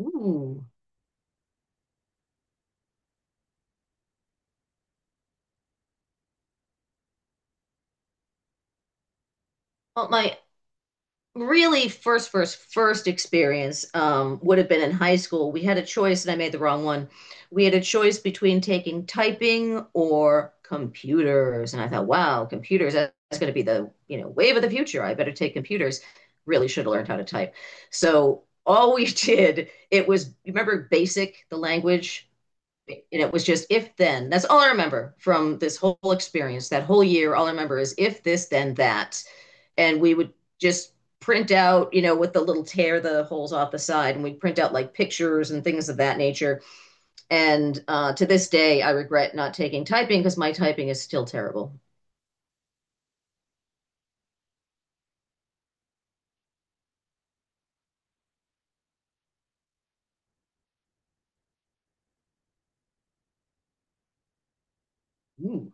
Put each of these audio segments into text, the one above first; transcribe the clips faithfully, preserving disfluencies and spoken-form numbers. Ooh. Well, my really first, first, first experience um, would have been in high school. We had a choice, and I made the wrong one. We had a choice between taking typing or computers, and I thought, wow, computers, that- that's going to be the, you know, wave of the future. I better take computers. Really should have learned how to type. So all we did, it was, you remember BASIC, the language, and it was just if then. That's all I remember from this whole experience, that whole year. All I remember is if this, then that. And we would just print out, you know, with the little tear the holes off the side, and we'd print out like pictures and things of that nature. And uh, to this day, I regret not taking typing because my typing is still terrible. Ooh,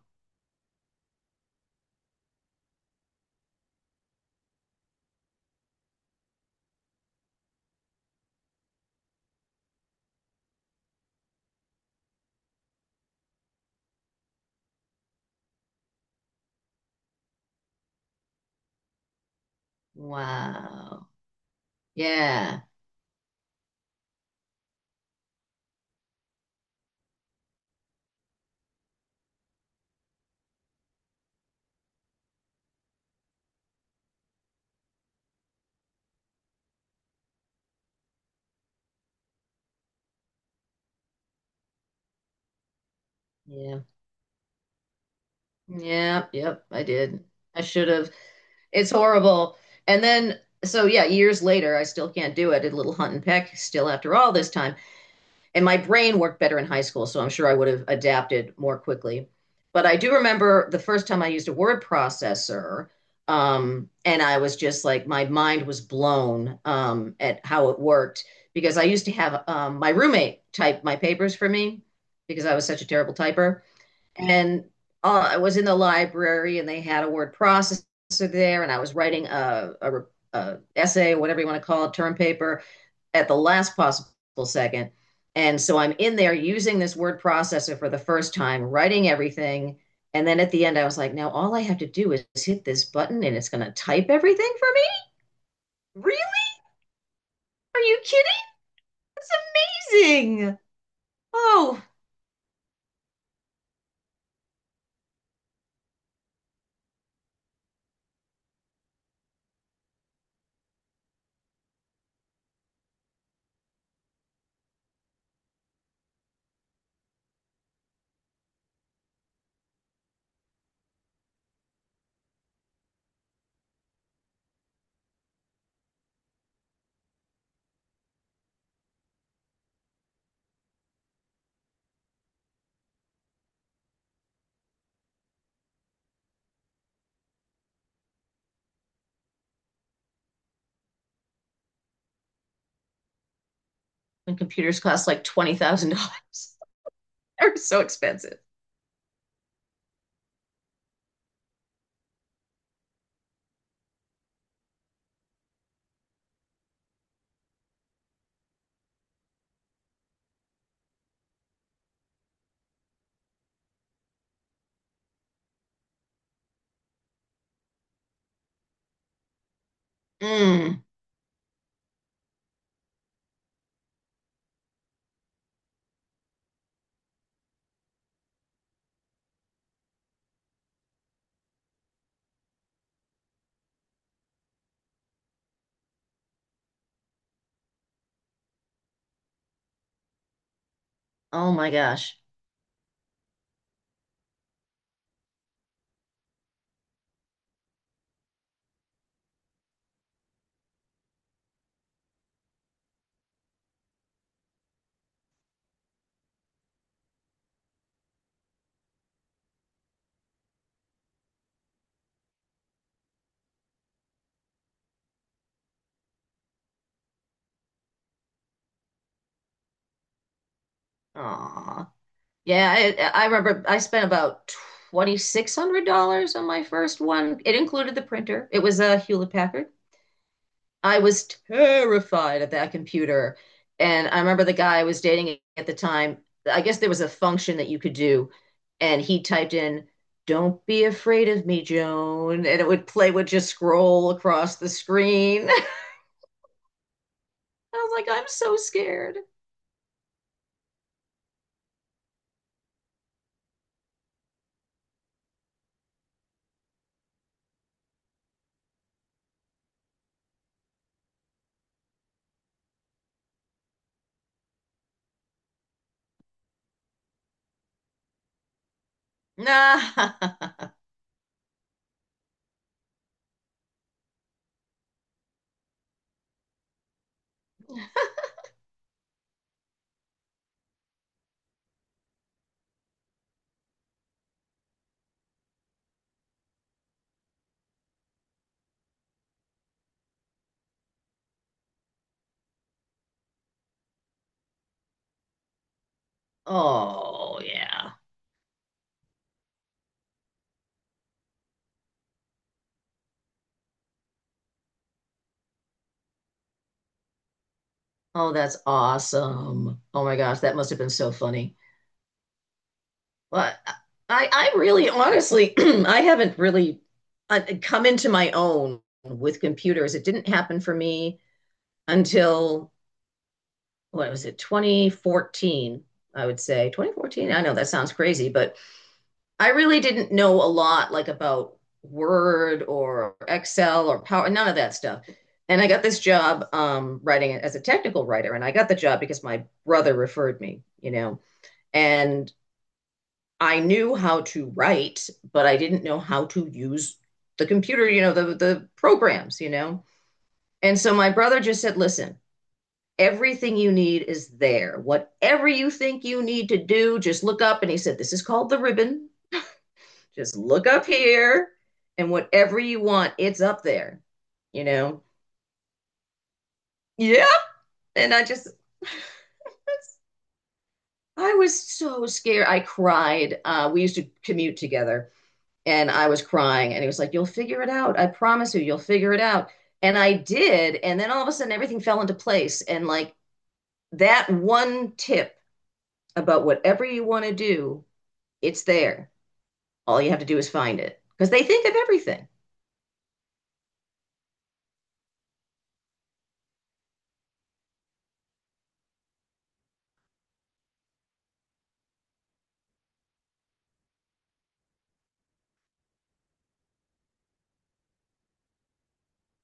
wow. Yeah. Yeah. Yeah. Yep. I did. I should have. It's horrible. And then, so yeah, years later, I still can't do it. I did a little hunt and peck still after all this time. And my brain worked better in high school, so I'm sure I would have adapted more quickly. But I do remember the first time I used a word processor, um, and I was just like, my mind was blown um, at how it worked because I used to have um, my roommate type my papers for me because I was such a terrible typer and uh, I was in the library and they had a word processor there and I was writing a, a, a essay, whatever you want to call it, term paper at the last possible second. And so I'm in there using this word processor for the first time, writing everything. And then at the end, I was like, now all I have to do is hit this button and it's going to type everything for me? Really? Are you kidding? It's amazing. Oh, when computers cost like twenty thousand dollars they're so expensive. Mm. Oh my gosh. Aw. Yeah, I I remember I spent about twenty-six hundred dollars on my first one. It included the printer. It was a Hewlett Packard. I was terrified of that computer. And I remember the guy I was dating at the time, I guess there was a function that you could do, and he typed in, "Don't be afraid of me, Joan," and it would play would just scroll across the screen. I was like, I'm so scared. Nah. Oh, yeah. Oh, that's awesome. Oh my gosh, that must have been so funny. Well, I, I really honestly, I haven't really uh, come into my own with computers. It didn't happen for me until, what was it, twenty fourteen, I would say. twenty fourteen, I know that sounds crazy, but I really didn't know a lot like about Word or Excel or Power, none of that stuff. And I got this job um, writing as a technical writer, and I got the job because my brother referred me, you know. And I knew how to write, but I didn't know how to use the computer, you know, the the programs, you know. And so my brother just said, "Listen, everything you need is there. Whatever you think you need to do, just look up." And he said, "This is called the ribbon. Just look up here, and whatever you want, it's up there." You know. Yeah. And I just I was so scared. I cried. Uh, we used to commute together. And I was crying. And he was like, you'll figure it out. I promise you, you'll figure it out. And I did. And then all of a sudden, everything fell into place. And like that one tip about whatever you want to do, it's there. All you have to do is find it because they think of everything.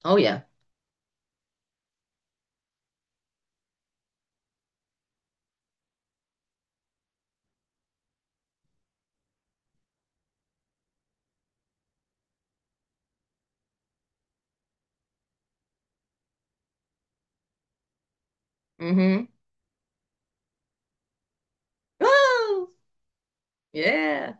Oh, yeah. Mm hmm. Oh, yeah.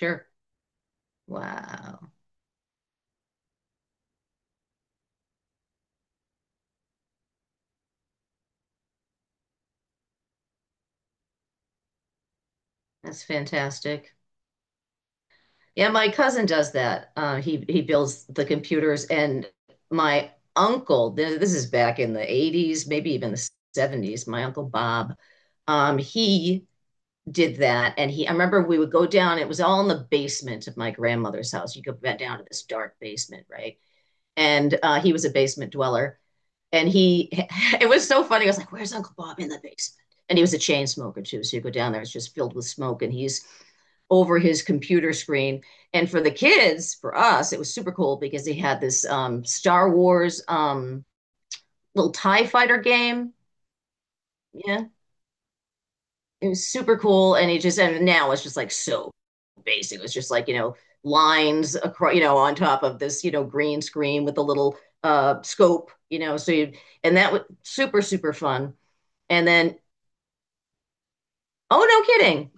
Sure. Wow. That's fantastic. Yeah, my cousin does that. Uh, he he builds the computers, and my uncle, th- this is back in the eighties, maybe even the seventies, my uncle Bob, um, he did that. And he, I remember we would go down, it was all in the basement of my grandmother's house. You go back down to this dark basement, right? And uh, he was a basement dweller. And he, it was so funny. I was like, "Where's Uncle Bob in the basement?" And he was a chain smoker too, so you go down there, it's just filled with smoke, and he's over his computer screen. And for the kids, for us, it was super cool because he had this um, Star Wars um, little TIE fighter game. Yeah, it was super cool. And he just, and now it's just like so basic. It was just like, you know, lines across, you know, on top of this, you know, green screen with a little uh, scope, you know. So you, and that was super, super fun. And then, oh, no kidding.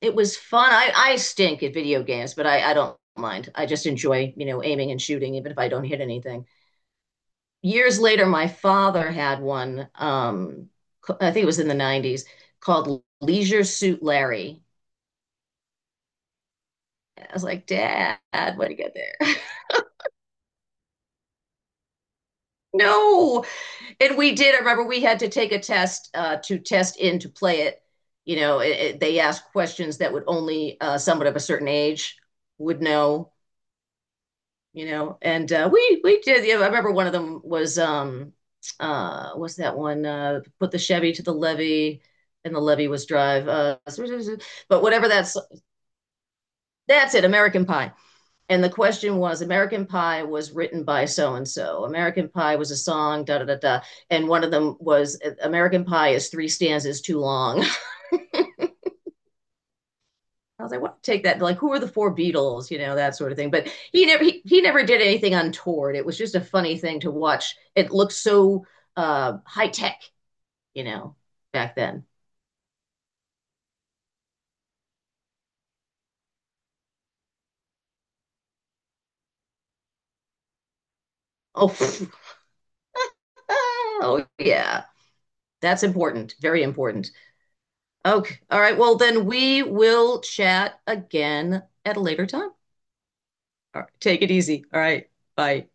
It was fun. I, I stink at video games, but I, I don't mind. I just enjoy, you know, aiming and shooting, even if I don't hit anything. Years later, my father had one. Um, c- I think it was in the nineties called Leisure Suit Larry. I was like, Dad, what do you get there? No. And we did. I remember we had to take a test uh, to test in to play it. You know, it, it- they asked questions that would only uh, someone of a certain age would know. You know and uh, we we did yeah, I remember one of them was um uh what's that one uh put the Chevy to the levee and the levee was drive uh but whatever, that's that's it, American Pie. And the question was American Pie was written by so and so, American Pie was a song da da da da, and one of them was American Pie is three stanzas too long. I was like, what take that? Like, who are the four Beatles? You know, that sort of thing. But he never he, he never did anything untoward. It was just a funny thing to watch. It looked so uh high tech, you know, back then. Oh, oh yeah. That's important. Very important. Okay. All right. Well, then we will chat again at a later time. All right. Take it easy. All right. Bye.